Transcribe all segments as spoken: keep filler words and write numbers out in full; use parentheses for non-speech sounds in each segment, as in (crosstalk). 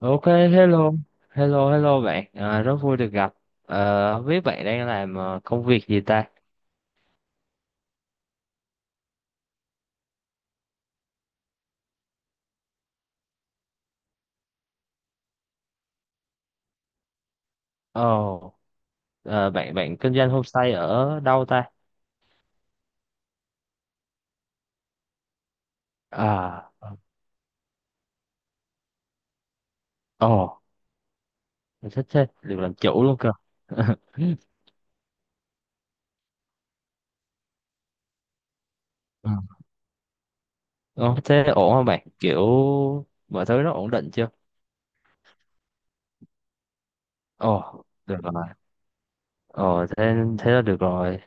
Ok, hello, hello, hello bạn, à, rất vui được gặp. Ờ, không biết bạn đang làm ờ, công việc gì ta? Ồ, ờ, bạn bạn kinh doanh homestay ở đâu ta? À, ồ, thích thế, được làm chủ luôn cơ. (laughs) Ừ. Ồ, thế ổn không bạn? Kiểu mọi thứ nó ổn định chưa? Ồ, được rồi. Ồ, thế thế là được rồi.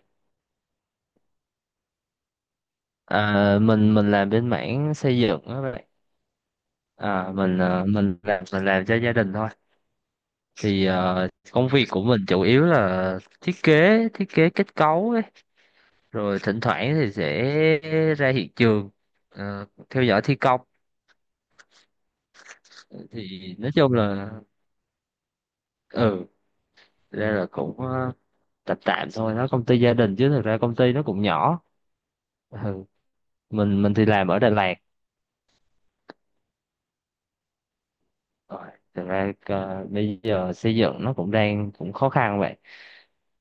À, mình mình làm bên mảng xây dựng đó bạn. À, mình ờ, mình làm mình làm cho gia đình thôi. Thì ờ, công việc của mình chủ yếu là thiết kế thiết kế kết cấu ấy, rồi thỉnh thoảng thì sẽ ra hiện trường, ờ, theo dõi thi công. Thì nói chung là, ừ, thực ra là cũng, ờ, tạm tạm thôi, nó công ty gia đình chứ thực ra công ty nó cũng nhỏ. Ừ. mình mình thì làm ở Đà Lạt. Rồi, thực ra ờ, bây giờ xây dựng nó cũng đang cũng khó khăn vậy,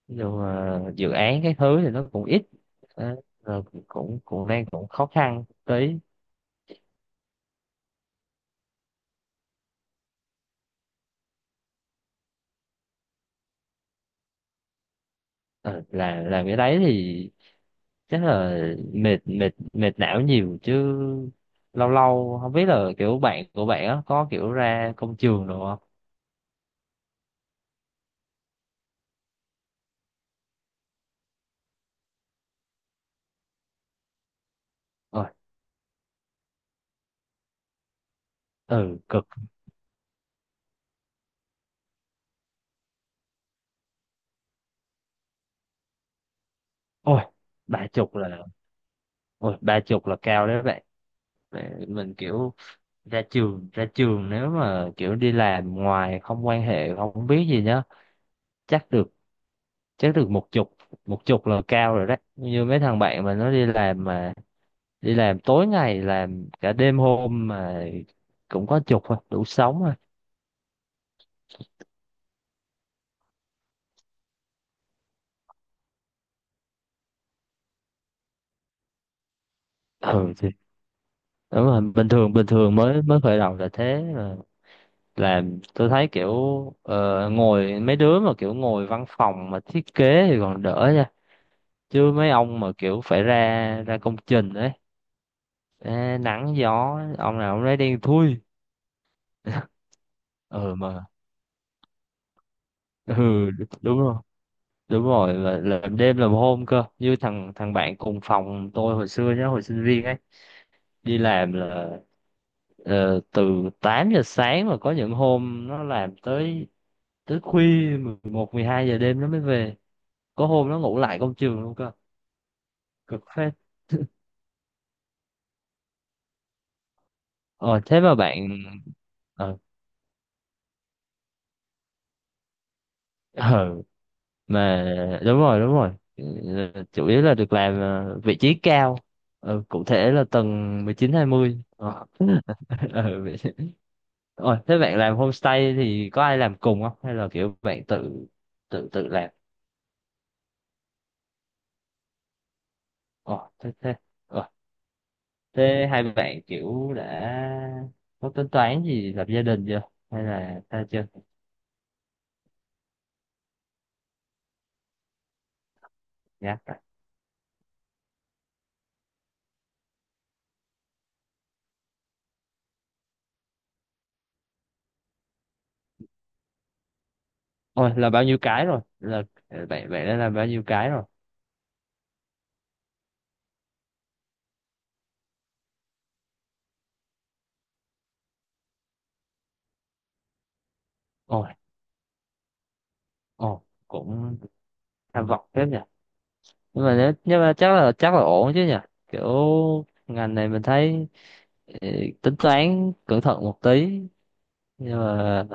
nhưng mà dự án cái thứ thì nó cũng ít. Đó, rồi cũng cũng đang cũng khó khăn tí. Ờ, làm làm cái đấy thì chắc là mệt mệt mệt não nhiều chứ. Lâu lâu không biết là kiểu bạn của bạn á có kiểu ra công trường được không? Ôi, ừ, cực. Ôi, ba chục là ôi ba chục là cao đấy bạn. Mẹ- Mình kiểu ra trường ra trường nếu mà kiểu đi làm ngoài không quan hệ không biết gì nhá, chắc được chắc được một chục. Một chục là cao rồi đấy, như mấy thằng bạn mà nó đi làm mà đi làm tối ngày làm cả đêm hôm mà cũng có chục thôi, đủ sống thôi. Ừ, thì đúng rồi. Bình thường bình thường mới mới khởi đầu là thế mà. Làm tôi thấy kiểu, ờ, ngồi mấy đứa mà kiểu ngồi văn phòng mà thiết kế thì còn đỡ nha, chứ mấy ông mà kiểu phải ra ra công trình ấy, ê, nắng gió ông nào ông lấy đen thui. (laughs) Ừ mà, ừ, đúng rồi, đúng rồi, là làm đêm làm hôm cơ, như thằng thằng bạn cùng phòng tôi hồi xưa nhá, hồi sinh viên ấy, đi làm là, ờ, từ tám giờ sáng mà có những hôm nó làm tới tới khuya mười một mười hai giờ đêm nó mới về. Có hôm nó ngủ lại công trường luôn cơ. Cực phết. Ờ Thế mà bạn ờ (laughs) ờ, mà đúng rồi, đúng rồi. Ờ, Chủ yếu là được làm, ờ, vị trí cao. Ờ, cụ thể là tầng mười chín hai mươi. Ờ. (laughs) Ờ, vậy- Ôi, thế bạn làm homestay thì có ai làm cùng không, hay là kiểu bạn tự tự tự làm? Ồ, thế thế. Ờ, thế hai bạn kiểu đã có tính toán gì lập gia đình chưa? Hay là ta chưa nhắc rồi? Ôi, là bao nhiêu cái rồi? Là, ờ, bạn bạn đã làm bao nhiêu cái rồi? Ôi, ồ, cũng tham vọng phết nhỉ. Nhưng mà nếu nhưng mà chắc là chắc là ổn chứ nhỉ. Kiểu ngành này mình thấy, ờ, tính toán cẩn thận một tí, nhưng mà,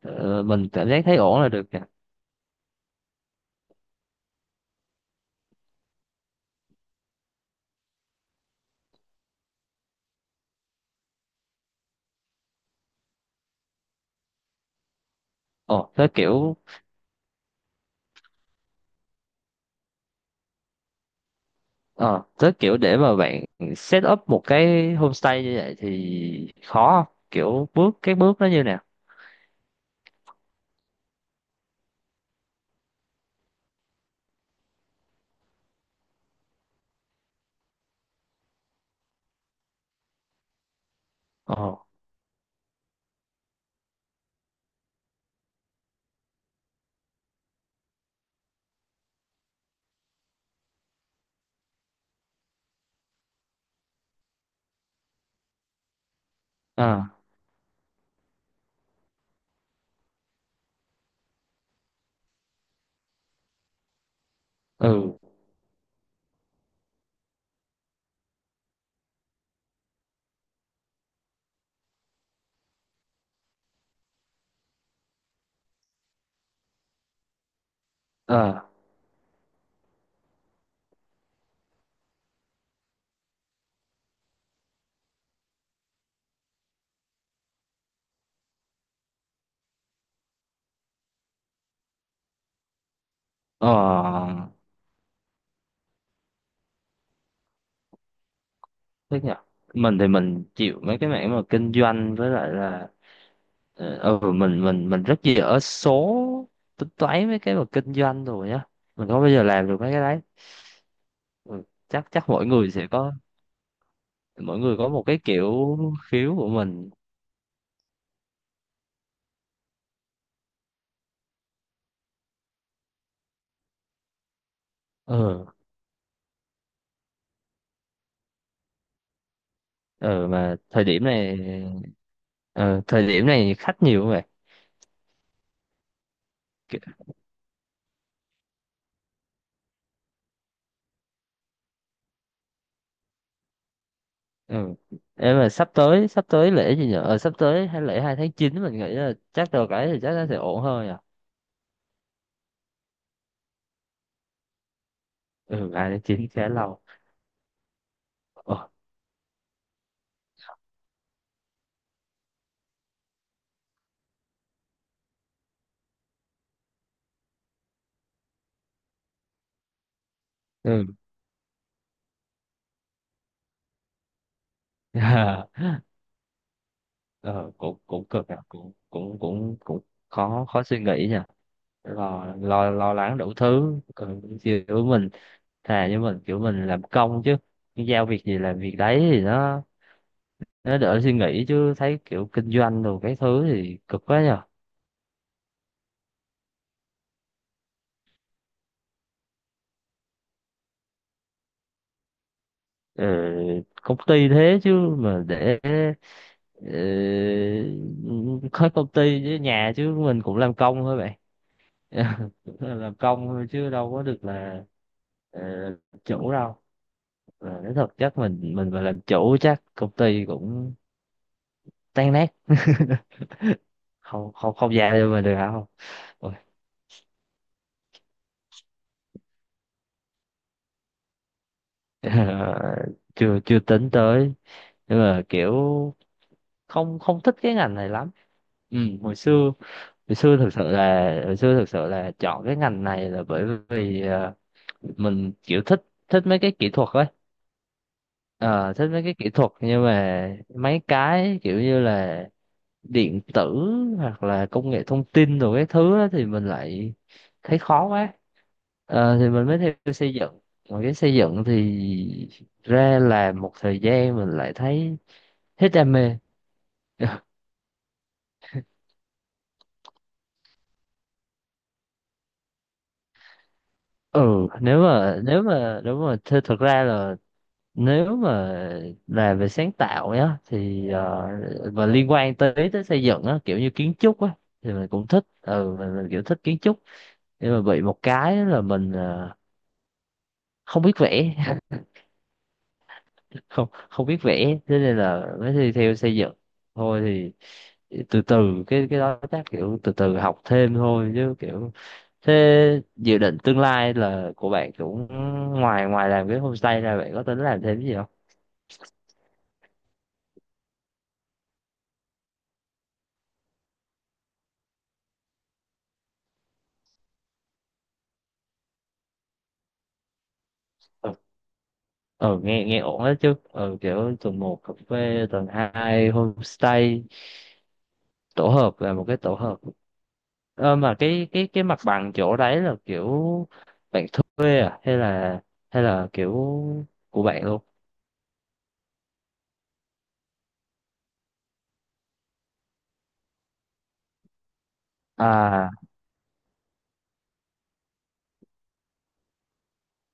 ờ, mình cảm giác thấy ổn là được nhỉ. Ồ, thế kiểu. Ờ, tới kiểu để mà bạn set up một cái homestay như vậy thì khó không? Kiểu bước cái bước nó như nào? Ờ, À, ừ, ờ, ờ, thế nhỉ? Mình thì mình chịu mấy cái mảng mà kinh doanh với lại là, ờ, ừ, mình mình mình rất dở số, tính toán mấy cái mà kinh doanh rồi nhá. Mình không bao giờ làm được mấy cái đấy. Ừ, chắc chắc mỗi người sẽ có mỗi người có một cái kiểu, khiếu của mình. Ừ. ờ mà thời điểm này, ờ, thời điểm này khách nhiều không vậy? Ki- ừ. Ê, mà sắp tới sắp tới lễ gì nhở, ờ, sắp tới hay lễ hai tháng chín, mình nghĩ là chắc được cái thì chắc nó sẽ ổn hơn nhở. Ừ, hai tháng chín khá lâu. Ờ, ừ. (laughs) ờ, cũng cũng cực nhở, cũng cũng cũng cũng khó khó suy nghĩ nhở, lo lo lo lắng đủ thứ, ừ, kiểu mình thà như mình kiểu mình làm công chứ, giao việc gì làm việc đấy thì nó Nó đỡ suy nghĩ, chứ thấy kiểu kinh doanh đồ cái thứ thì cực quá nhờ. Ờ, công ty thế chứ mà để, ờ, có công ty với nhà chứ mình cũng làm công thôi vậy. (laughs) Cũng là làm công thôi chứ đâu có được là, ờ, chủ đâu. Ờ, nói thật chắc mình mình mà làm chủ chắc công ty cũng tan nát, không không không dài cho mình được hả không. Ôi, (laughs) chưa chưa tính tới, nhưng mà kiểu không không thích cái ngành này lắm. Ừ, hồi xưa hồi xưa thực sự là hồi xưa thực sự là chọn cái ngành này là bởi vì, ờ, mình kiểu thích thích mấy cái kỹ thuật ấy. Ờ, Thích mấy cái kỹ thuật nhưng mà mấy cái kiểu như là điện tử hoặc là công nghệ thông tin rồi cái thứ á thì mình lại thấy khó quá. Ờ, thì mình mới theo xây dựng, mà cái xây dựng thì ra làm một thời gian mình lại thấy hết đam mê. (laughs) Ừ, nếu mà nếu mà nếu mà th- thực ra là nếu mà là về sáng tạo nhá, thì, ờ, và liên quan tới tới xây dựng á, kiểu như kiến trúc á, thì mình cũng thích. Ừ, mình, mình kiểu thích kiến trúc, nhưng mà bị một cái là mình, ờ, không biết vẽ. (laughs) không không biết vẽ thế nên là mới thi theo xây dựng. Thôi thì từ từ, cái cái đó chắc kiểu từ từ học thêm thôi, chứ kiểu thế. Dự định tương lai là của bạn cũng, ngoài ngoài làm cái homestay ra bạn có tính làm thêm cái gì không? Ờ nghe nghe ổn đấy chứ, ờ kiểu tuần một cà phê tuần hai homestay, tổ hợp là một cái tổ hợp. Ờ, mà cái, cái cái mặt bằng chỗ đấy là kiểu bạn thuê à, hay là, hay là kiểu của bạn luôn? À,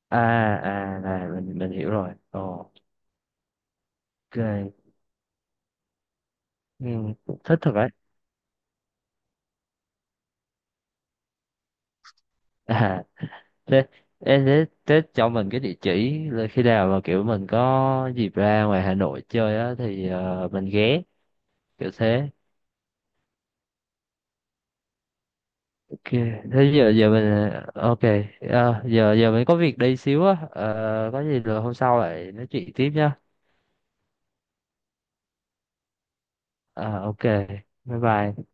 à, à, này mình mình hiểu rồi. Ồ, ok. Ừ, cũng thích thật đấy. (laughs) À, thế em thế, thế cho mình cái địa chỉ là khi nào mà kiểu mình có dịp ra ngoài Hà Nội chơi á thì, ờ, mình ghé, kiểu thế. Ok, thế giờ giờ mình, ờ, ok, à, giờ giờ mình có việc đây xíu á. Ờ, có gì rồi hôm sau lại nói chuyện tiếp nhá. Ờ, ok, bye bye.